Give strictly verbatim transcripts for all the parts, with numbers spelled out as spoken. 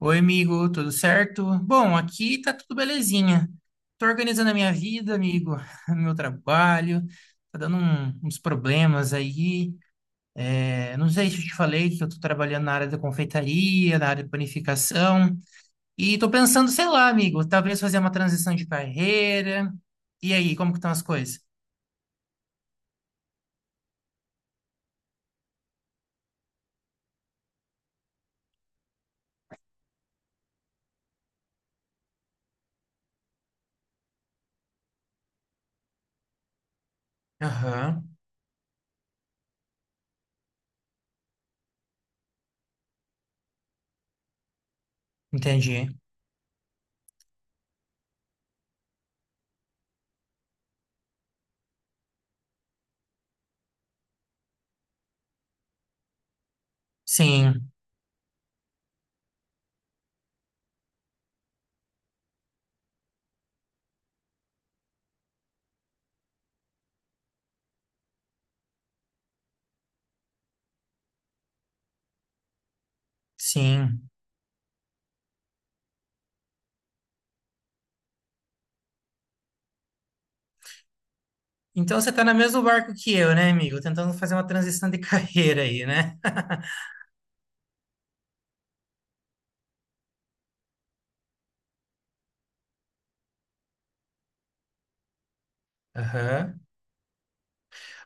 Oi, amigo, tudo certo? Bom, aqui tá tudo belezinha. Tô organizando a minha vida, amigo, meu trabalho, tá dando um- uns problemas aí. É, não sei se eu te falei que eu tô trabalhando na área da confeitaria, na área de panificação, e tô pensando, sei lá, amigo, talvez fazer uma transição de carreira. E aí, como que estão as coisas? Aham, entendi. Sim, sim. Então você tá no mesmo barco que eu, né, amigo? Tentando fazer uma transição de carreira aí, né? Aham.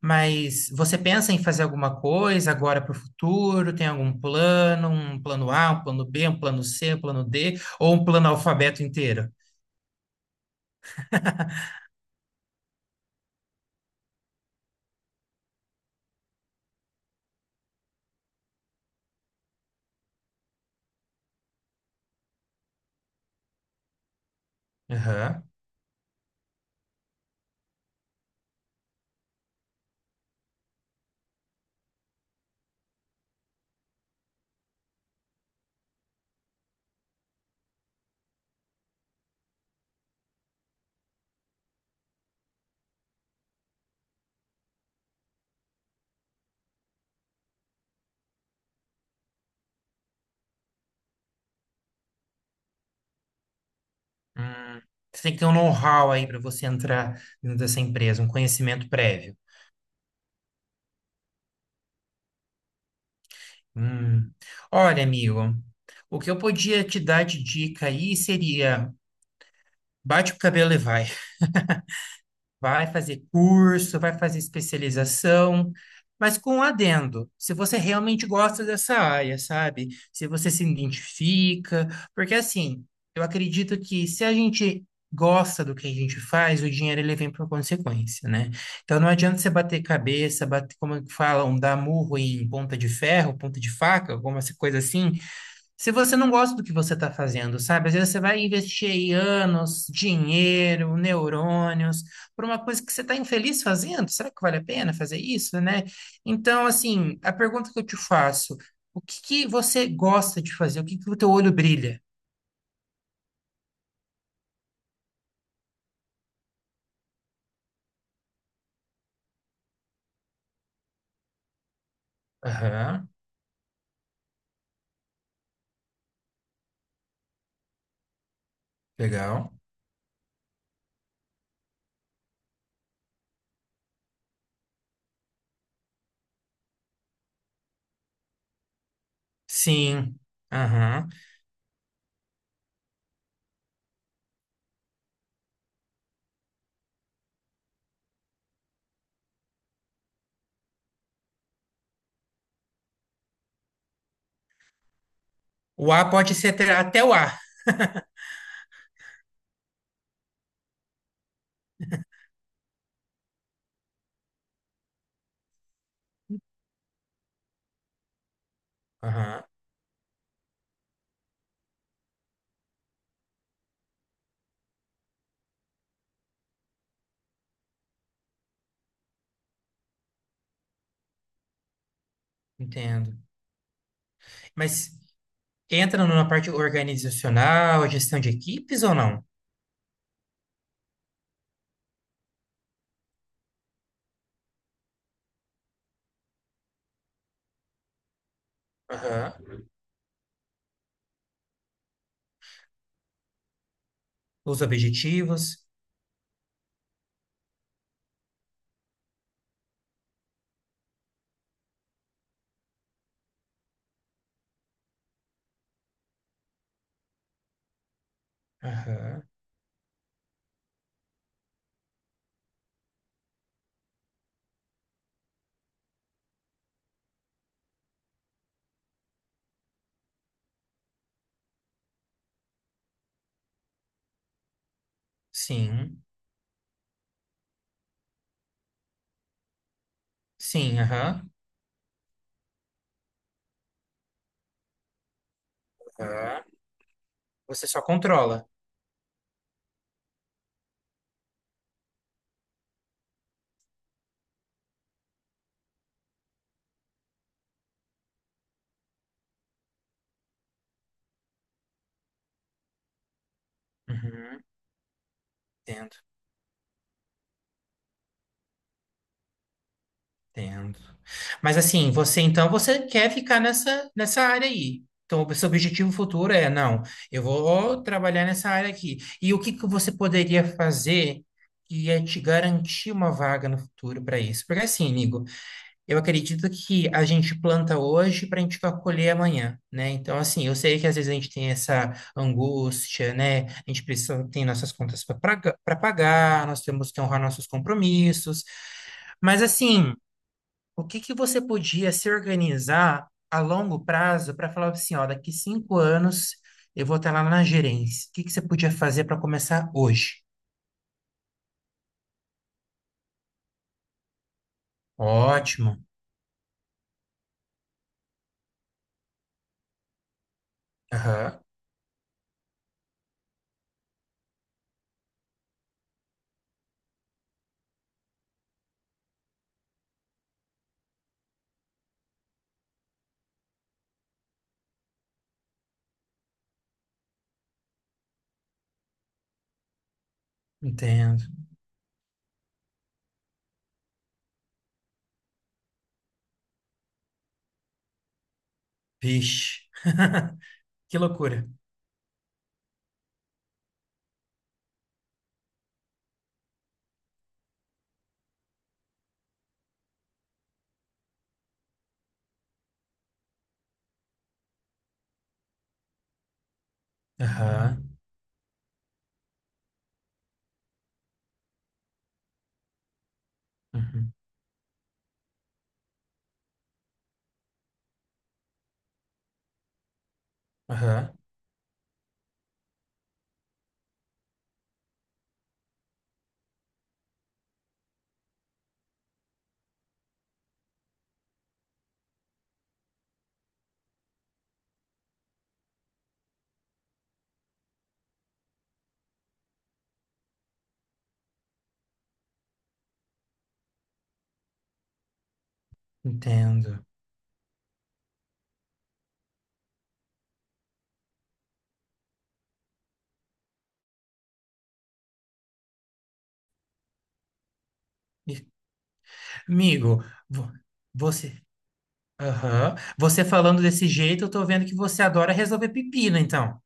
Mas você pensa em fazer alguma coisa agora para o futuro? Tem algum plano? Um plano A, um plano B, um plano C, um plano D? Ou um plano alfabeto inteiro? Aham. Hum. Você tem que ter um know-how aí para você entrar dentro dessa empresa, um conhecimento prévio. Hum. Olha, amigo, o que eu podia te dar de dica aí seria bate o cabelo e vai. Vai fazer curso, vai fazer especialização, mas com um adendo, se você realmente gosta dessa área, sabe? Se você se identifica, porque assim, eu acredito que se a gente gosta do que a gente faz, o dinheiro ele vem por consequência, né? Então não adianta você bater cabeça, bater, como falam, dar murro em ponta de ferro, ponta de faca, alguma coisa assim, se você não gosta do que você está fazendo, sabe? Às vezes você vai investir aí anos, dinheiro, neurônios, por uma coisa que você está infeliz fazendo. Será que vale a pena fazer isso, né? Então, assim, a pergunta que eu te faço, o que que você gosta de fazer? O que que o teu olho brilha? Aham, legal. Sim, aham. O A pode ser até, até o A. Aham, entendo. Mas entra numa parte organizacional, gestão de equipes ou não? Aham. Os objetivos. Aham. Sim. Sim, aham. Aham. Você só controla. Uhum. Entendo, entendo. Mas assim, você então você quer ficar nessa nessa área aí. Então, o seu objetivo futuro é, não, eu vou trabalhar nessa área aqui. E o que que você poderia fazer que ia te garantir uma vaga no futuro para isso? Porque assim, Nigo, eu acredito que a gente planta hoje para a gente colher amanhã, né? Então, assim, eu sei que às vezes a gente tem essa angústia, né? A gente precisa, tem nossas contas para pagar, nós temos que honrar nossos compromissos. Mas, assim, o que que você podia se organizar a longo prazo para falar assim, ó, daqui cinco anos eu vou estar lá na gerência. O que que você podia fazer para começar hoje? Ótimo. Aham, entendo. Vixe, que loucura. Aham. Uhum. Aham, entendo. E, amigo, vo- você, aham, você falando desse jeito, eu tô vendo que você adora resolver pepino, então.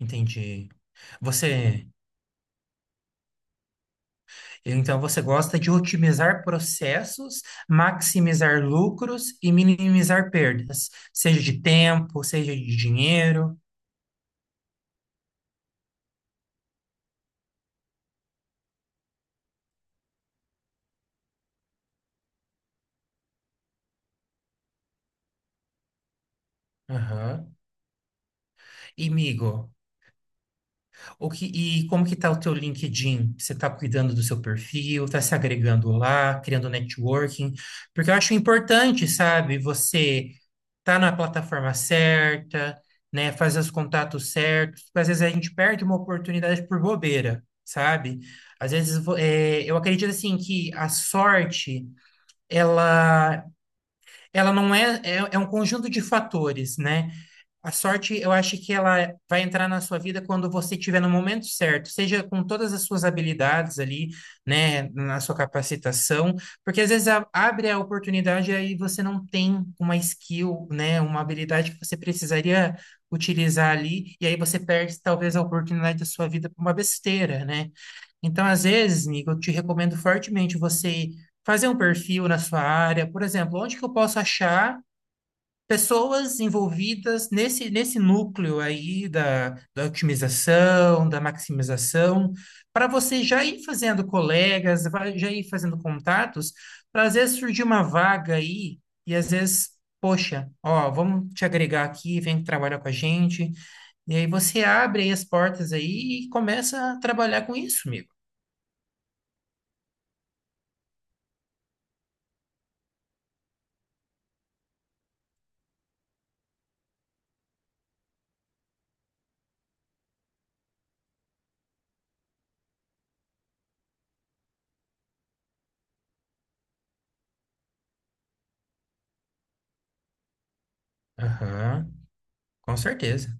Entendi. Você, então você gosta de otimizar processos, maximizar lucros e minimizar perdas, seja de tempo, seja de dinheiro. Aham. E, amigo, o que, e como que tá o teu LinkedIn? Você está cuidando do seu perfil, está se agregando lá, criando networking? Porque eu acho importante, sabe, você tá na plataforma certa, né, faz os contatos certos, porque às vezes a gente perde uma oportunidade por bobeira, sabe? Às vezes vo- é, eu acredito assim que a sorte ela ela não é, é é um conjunto de fatores, né? A sorte, eu acho que ela vai entrar na sua vida quando você estiver no momento certo, seja com todas as suas habilidades ali, né, na sua capacitação, porque às vezes a- abre a oportunidade e aí você não tem uma skill, né, uma habilidade que você precisaria utilizar ali, e aí você perde talvez a oportunidade da sua vida por uma besteira, né? Então, às vezes, Nico, eu te recomendo fortemente você fazer um perfil na sua área, por exemplo, onde que eu posso achar pessoas envolvidas nesse, nesse núcleo aí da, da otimização, da maximização, para você já ir fazendo colegas, vai- já ir fazendo contatos, para às vezes surgir uma vaga aí, e às vezes, poxa, ó, vamos te agregar aqui, vem trabalhar com a gente, e aí você abre aí as portas aí e começa a trabalhar com isso, amigo. Aham, com certeza.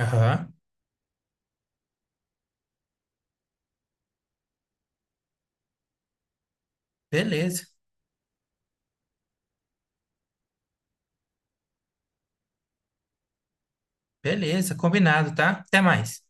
Aham, beleza, beleza, combinado, tá? Até mais.